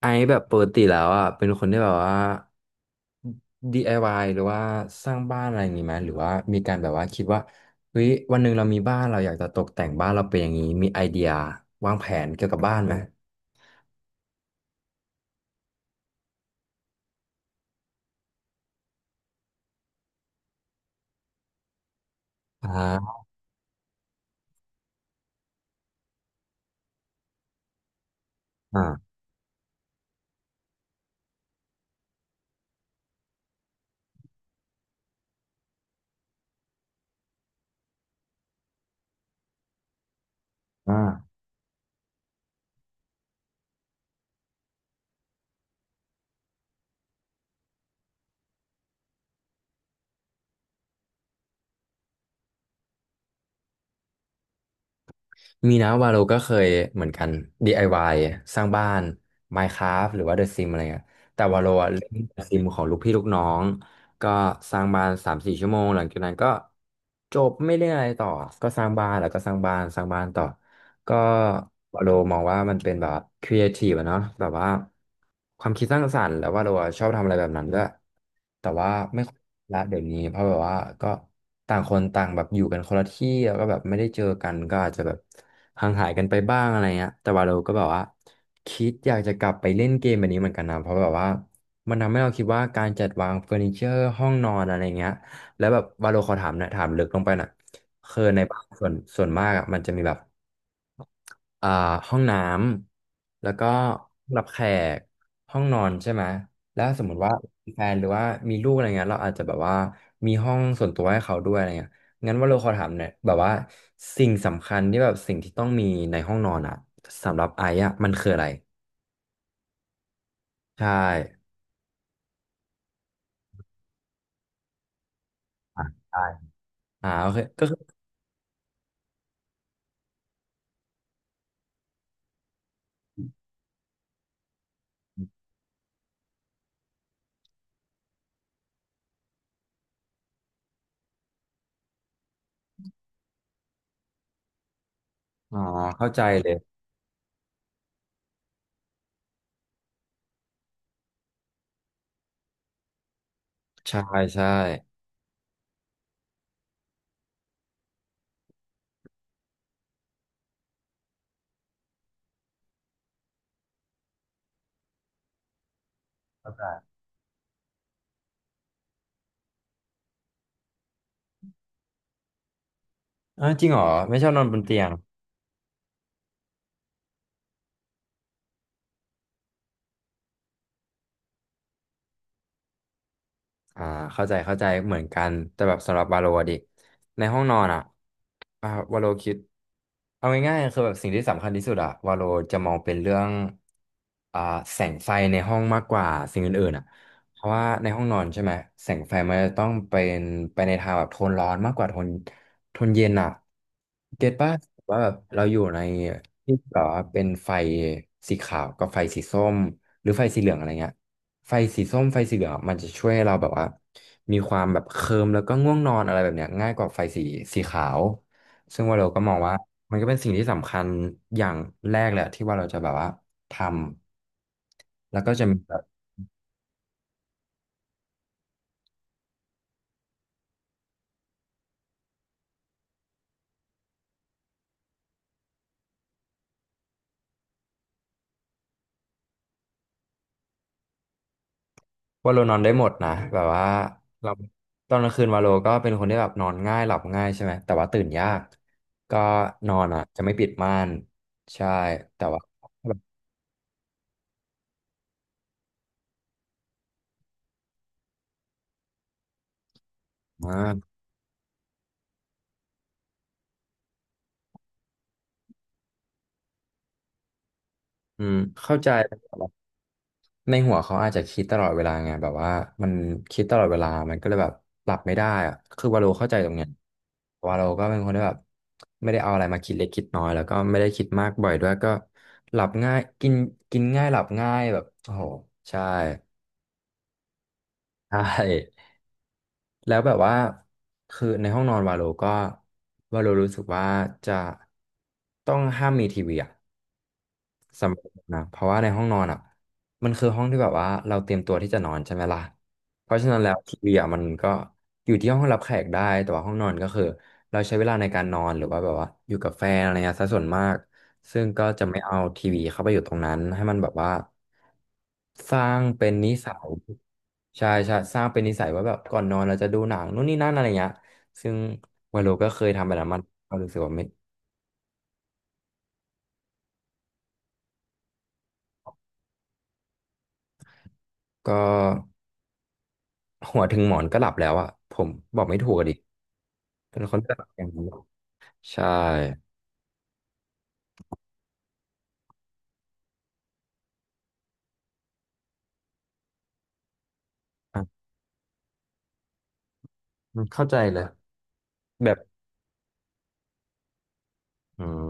ไอซ์แบบปกติแล้วอ่ะเป็นคนที่แบบว่า DIY หรือว่าสร้างบ้านอะไรอย่างงี้ไหมหรือว่ามีการแบบว่าคิดว่าเฮ้ยวันหนึ่งเรามีบ้านเราอยากจะตกแต่งบ้านเราเป็นอย่างนี้มีไอเดียวางแผนเกี่ยวกับบ้านไหมอ่าอ่าอ่า มีนะวาโลก็เคยเหมือนกัน DIY สร้างบ้าน Minecraft หรือว่า The Sims อะไรเงี้ยแต่วาโลอะเล่น The Sims ของลูกพี่ลูกน้องก็สร้างบ้านสามสี่ชั่วโมงหลังจากนั้นก็จบไม่เล่นอะไรต่อก็สร้างบ้านแล้วก็สร้างบ้านสร้างบ้านต่อก็วาโลมองว่ามันเป็นแบบครีเอทีฟอะเนาะแบบว่าความคิดสร้างสรรค์แล้ววาโลอะชอบทำอะไรแบบนั้นด้วยแต่ว่าไม่ค่อยละเดี๋ยวนี้เพราะแบบว่าก็ต่างคนต่างแบบอยู่กันคนละที่แล้วก็แบบไม่ได้เจอกันก็อาจจะแบบ ห่างหายกันไปบ้างอะไรเงี้ยแต่ว่าเราก็แบบว่าคิดอยากจะกลับไปเล่นเกมแบบนี้เหมือนกันนะเพราะแบบว่ามันทำให้เราคิดว่าการจัดวางเฟอร์นิเจอร์ห้องนอนอะไรเงี้ยแล้วแบบวาโลขอถามนะถามลึกลงไปหน่ะคือในบ้านส่วนมากอะมันจะมีแบบ อ่าห้องน้ำแล้วก็รับแขกห้องนอนใช่ไหมแล้วสมมุติว่ามีแฟนหรือว่ามีลูกอะไรเงี้ยเราอาจจะแบบว่ามีห้องส่วนตัวให้เขาด้วยอะไรเงี้ยงั้นว่าเราขอถามเนี่อยแบบว่าสิ่งสำคัญที่แบบสิ่งที่ต้องมีในห้องนอนอ่ะสำหรับไอ้อ่ะมันคืออะไรใช่อ่ะใช่อ่าโอเคก็คืออ๋อเข้าใจเลยใช่ใช่อ่าจริงเหรอไม่ชอบนอนบนเตียง อ่าเข้าใจเข้าใจเหมือนกันแต่แบบสำหรับวาโลอะดิในห้องนอนอ่ะอ่าวาโลคิดเอาง่ายๆคือแบบสิ่งที่สำคัญที่สุดอ่ะวาโลจะมองเป็นเรื่องอ่าแสงไฟในห้องมากกว่าสิ่งอื่นๆอ่ะเพราะว่าในห้องนอนใช่ไหมแสงไฟมันจะต้องเป็นไปในทางแบบโทนร้อนมากกว่าโทนเย็นอ่ะเก็ตป่ะว่าแบบเราอยู่ในที่แบบว่าเป็นไฟสีขาวกับไฟสีส้ม หรือไฟสีเหลืองอะไรเงี้ยไฟสีส้มไฟสีเหลืองอะมันจะช่วยให้เราแบบว่ามีความแบบเคลิ้มแล้วก็ง่วงนอนอะไรแบบเนี้ยง่ายกว่าไฟสีขาวซึ่งว่าเราก็มองว่ามันก็เป็นสิ่งที่สำคัญอย่างแรกแหละที่ว่าเราจะแบบว่าทำแล้วก็จะมีแบบว่าเรานอนได้หมดนะแบบว่าเราตอนกลางคืนวาโลก็เป็นคนที่แบบนอนง่ายหลับง่ายใช่ไหมแต่ว่าตื่นยากก็นอนอ่ะจะไม่ปิดม่านใช่แต่ว่าแบบมากอืมเข้าใจ ในหัวเขาอาจจะคิดตลอดเวลาไงแบบว่ามันคิดตลอดเวลามันก็เลยแบบปรับไม่ได้อะคือวาโลเข้าใจตรงเนี้ยวาโลก็เป็นคนที่แบบไม่ได้เอาอะไรมาคิดเล็กคิดน้อยแล้วก็ไม่ได้คิดมากบ่อยด้วยก็หลับง่ายกินกินง่ายหลับง่ายแบบโอ้โหใช่ ใช่แล้วแบบว่าคือในห้องนอนวาโลก็วาโลรู้สึกว่าจะต้องห้ามมีทีวีอะ สำหรับผมนะเพราะว่าในห้องนอนอ่ะมันคือห้องที่แบบว่าเราเตรียมตัวที่จะนอนใช่ไหมล่ะเพราะฉะนั้นแล้วทีวีอ่ะมันก็อยู่ที่ห้องรับแขกได้แต่ว่าห้องนอนก็คือเราใช้เวลาในการนอนหรือว่าแบบว่าอยู่กับแฟนอะไรเงี้ยซะส่วนมากซึ่งก็จะไม่เอาทีวีเข้าไปอยู่ตรงนั้นให้มันแบบว่าสร้างเป็นนิสัยใช่ใช่สร้างเป็นนิสัยว่าแบบก่อนนอนเราจะดูหนังนู่นนี่นั่นอะไรเงี้ยซึ่งวาโลก็เคยทำแบบนั้นมันก็รู้สึกว่าไม่ก็ หัวถึงหมอนก็หลับแล้วอ่ะผมบอกไม่ถูกอะดิเป็นคนที่หลับอย่างนั้นหรอใช่อ่ะเข้าใจเลยแบบอืม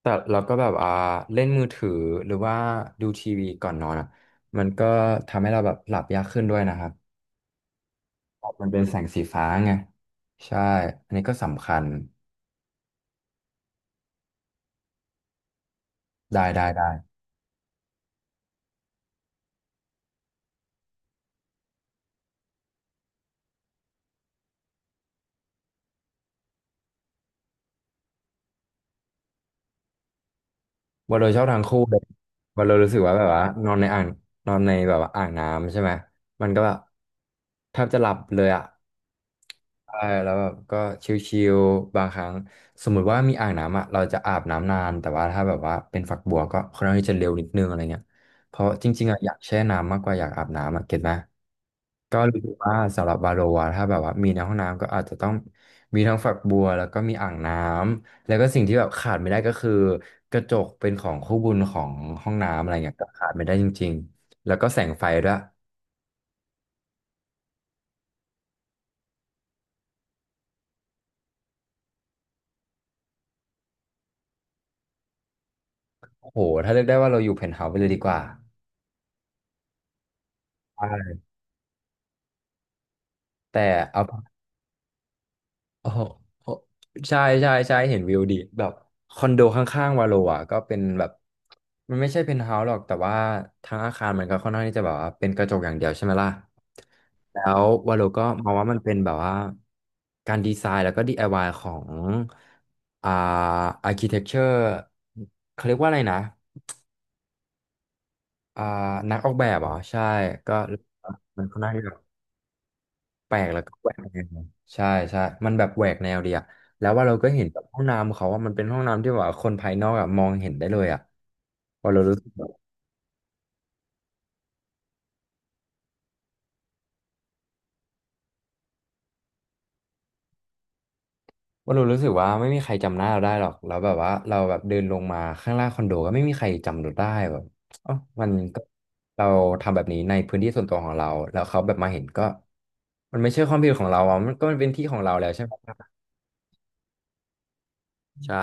แต่เราก็แบบอ่าเล่นมือถือหรือว่าดูทีวีก่อนนอนอ่ะมันก็ทำให้เราแบบหลับยากขึ้นด้วยนะครับเพราะมันเป็นแสงสีฟ้าไงใช่อันนี้ก็สำคัญได้ได้ได้ว่าโดยชอบทังคู่เลยว่าเรารู้สึกว่าแบบว่านอนในอ่างนอนในแบบว่าอ่างน้ำใช่ไหมมันก็แบบแทบจะหลับเลยอ่ะ ใช่แล้วแบบก็ชิลๆบางครั้งสมมุติว่ามีอ่างน้ำอ่ะเราจะอาบน้ำนานแต่ว่าถ้าแบบว่าเป็นฝักบัวก็ค่อนข้างที่จะเร็วนิดนึงอะไรเงี้ยเพราะจริงๆอ่ะอยากแช่น้ำมากกว่าอยากอาบน้ำอ่ะเก็ตไหมก็รู้สึกว่าสำหรับบาโลอะถ้าแบบว่ามีในห้องน้ำก็อาจจะต้องมีทั้งฝักบัวแล้วก็มีอ่างน้ำแล้วก็สิ่งที่แบบขาดไม่ได้ก็คือกระจกเป็นของคู่บุญของห้องน้ำอะไรเงี้ยก็ขาดไม่ได้จริงๆแล้วก็แสงไฟด้วยโอ้โหถ้าเลือกได้ว่าเราอยู่เพนท์เฮาส์ไปเลยดีกว่าแต่เอา โอ้โหโอ้ใช่ใช่ใช่เห็นวิวดีแบบคอนโดข้างๆวาโลอ่ะก็เป็นแบบมันไม่ใช่เพนท์เฮาส์หรอกแต่ว่าทางอาคารมันก็ค่อนข้างที่จะแบบว่าเป็นกระจกอย่างเดียวใช่ไหมล่ะแล้ววาโลก็มองว่ามันเป็นแบบว่าการดีไซน์แล้วก็ DIY ของอ่าอาร์คิเทคเจอร์เขาเรียกว่าอะไรนะอ่านักออกแบบเหรอใช่ก็มันค่อนข้างที่จะ แปลกแล้วก็แหวกแนวใช่ใช่มันแบบแหวกแนวดีอะแล้วว่าเราก็เห็นแบบห้องน้ำเขาว่ามันเป็นห้องน้ำที่แบบว่าคนภายนอกอะมองเห็นได้เลยอะว่าเรารู้สึกแบบว่าเรารู้สึกว่าไม่มีใครจำหน้าเราได้หรอกแล้วแบบว่าเราแบบเดินลงมาข้างล่างคอนโดก็ไม่มีใครจำเราได้แบบเอ๋อมันก็เราทำแบบนี้ในพื้นที่ส่วนตัวของเราแล้วเขาแบบมาเห็นก็มันไม่ใช่ความผิดของเราอะมันก็มันเป็นที่ของเราแล้วใช่ไหมใช่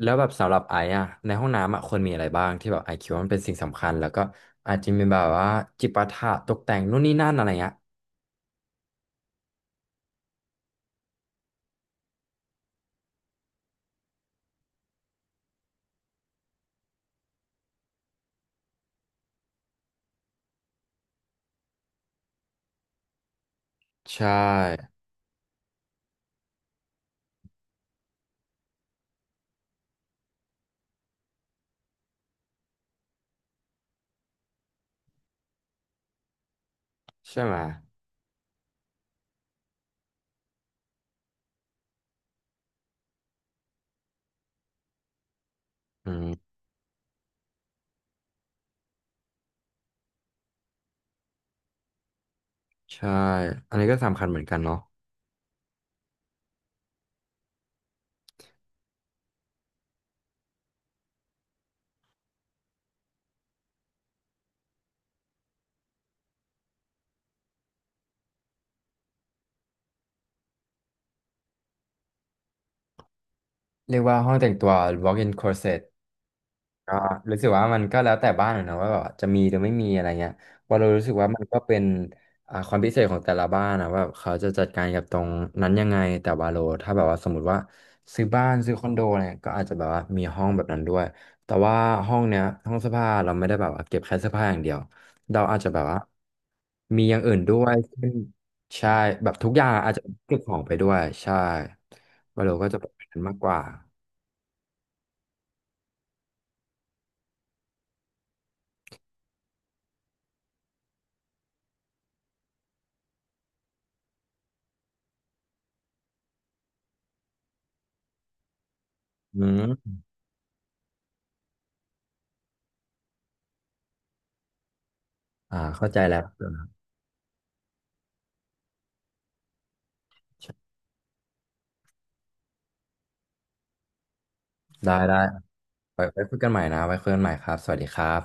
แล้วแบบสำหรับไอซ์อะในห้องน้ำอะควรมีอะไรบ้างที่แบบไอซ์คิดว่ามันเป็นสิ่งสำคัญแล้วก็อาจจะมีแบบว่าจิปาถะตกแต่งนู่นนี่นั่นอะไรเงี้ยใช่ใช่ไหมอืมใช่อันนี้ก็สำคัญเหมือนกันเนาะเรียกว่าห้องแต่งตัว walk-in closet ก็รู้สึกว่ามันก็แล้วแต่บ้านอะเนอะว่าแบบจะมีหรือไม่มีอะไรเงี้ยว่าเรารู้สึกว่ามันก็เป็นความพิเศษของแต่ละบ้านนะว่าเขาจะจัดการกับตรงนั้นยังไงแต่ว่าโลถ้าแบบว่าสมมติว่าซื้อบ้านซื้อคอนโดเนี่ยก็อาจจะแบบว่ามีห้องแบบนั้นด้วยแต่ว่าห้องเนี้ยห้องเสื้อผ้าเราไม่ได้แบบว่าเก็บแค่เสื้อผ้าอย่างเดียวเราอาจจะแบบว่ามีอย่างอื่นด้วยเช่นใช่แบบทุกอย่างอาจจะเก็บของไปด้วยใช่ว่าเราก็จะเป็นแบบนั้นมากกว่าอืมอ่าเข้าใจแล้ว ได้ได้ไว้ไว้คุยกันใหม่นะไว้คุยกันใหม่ครับสวัสดีครับ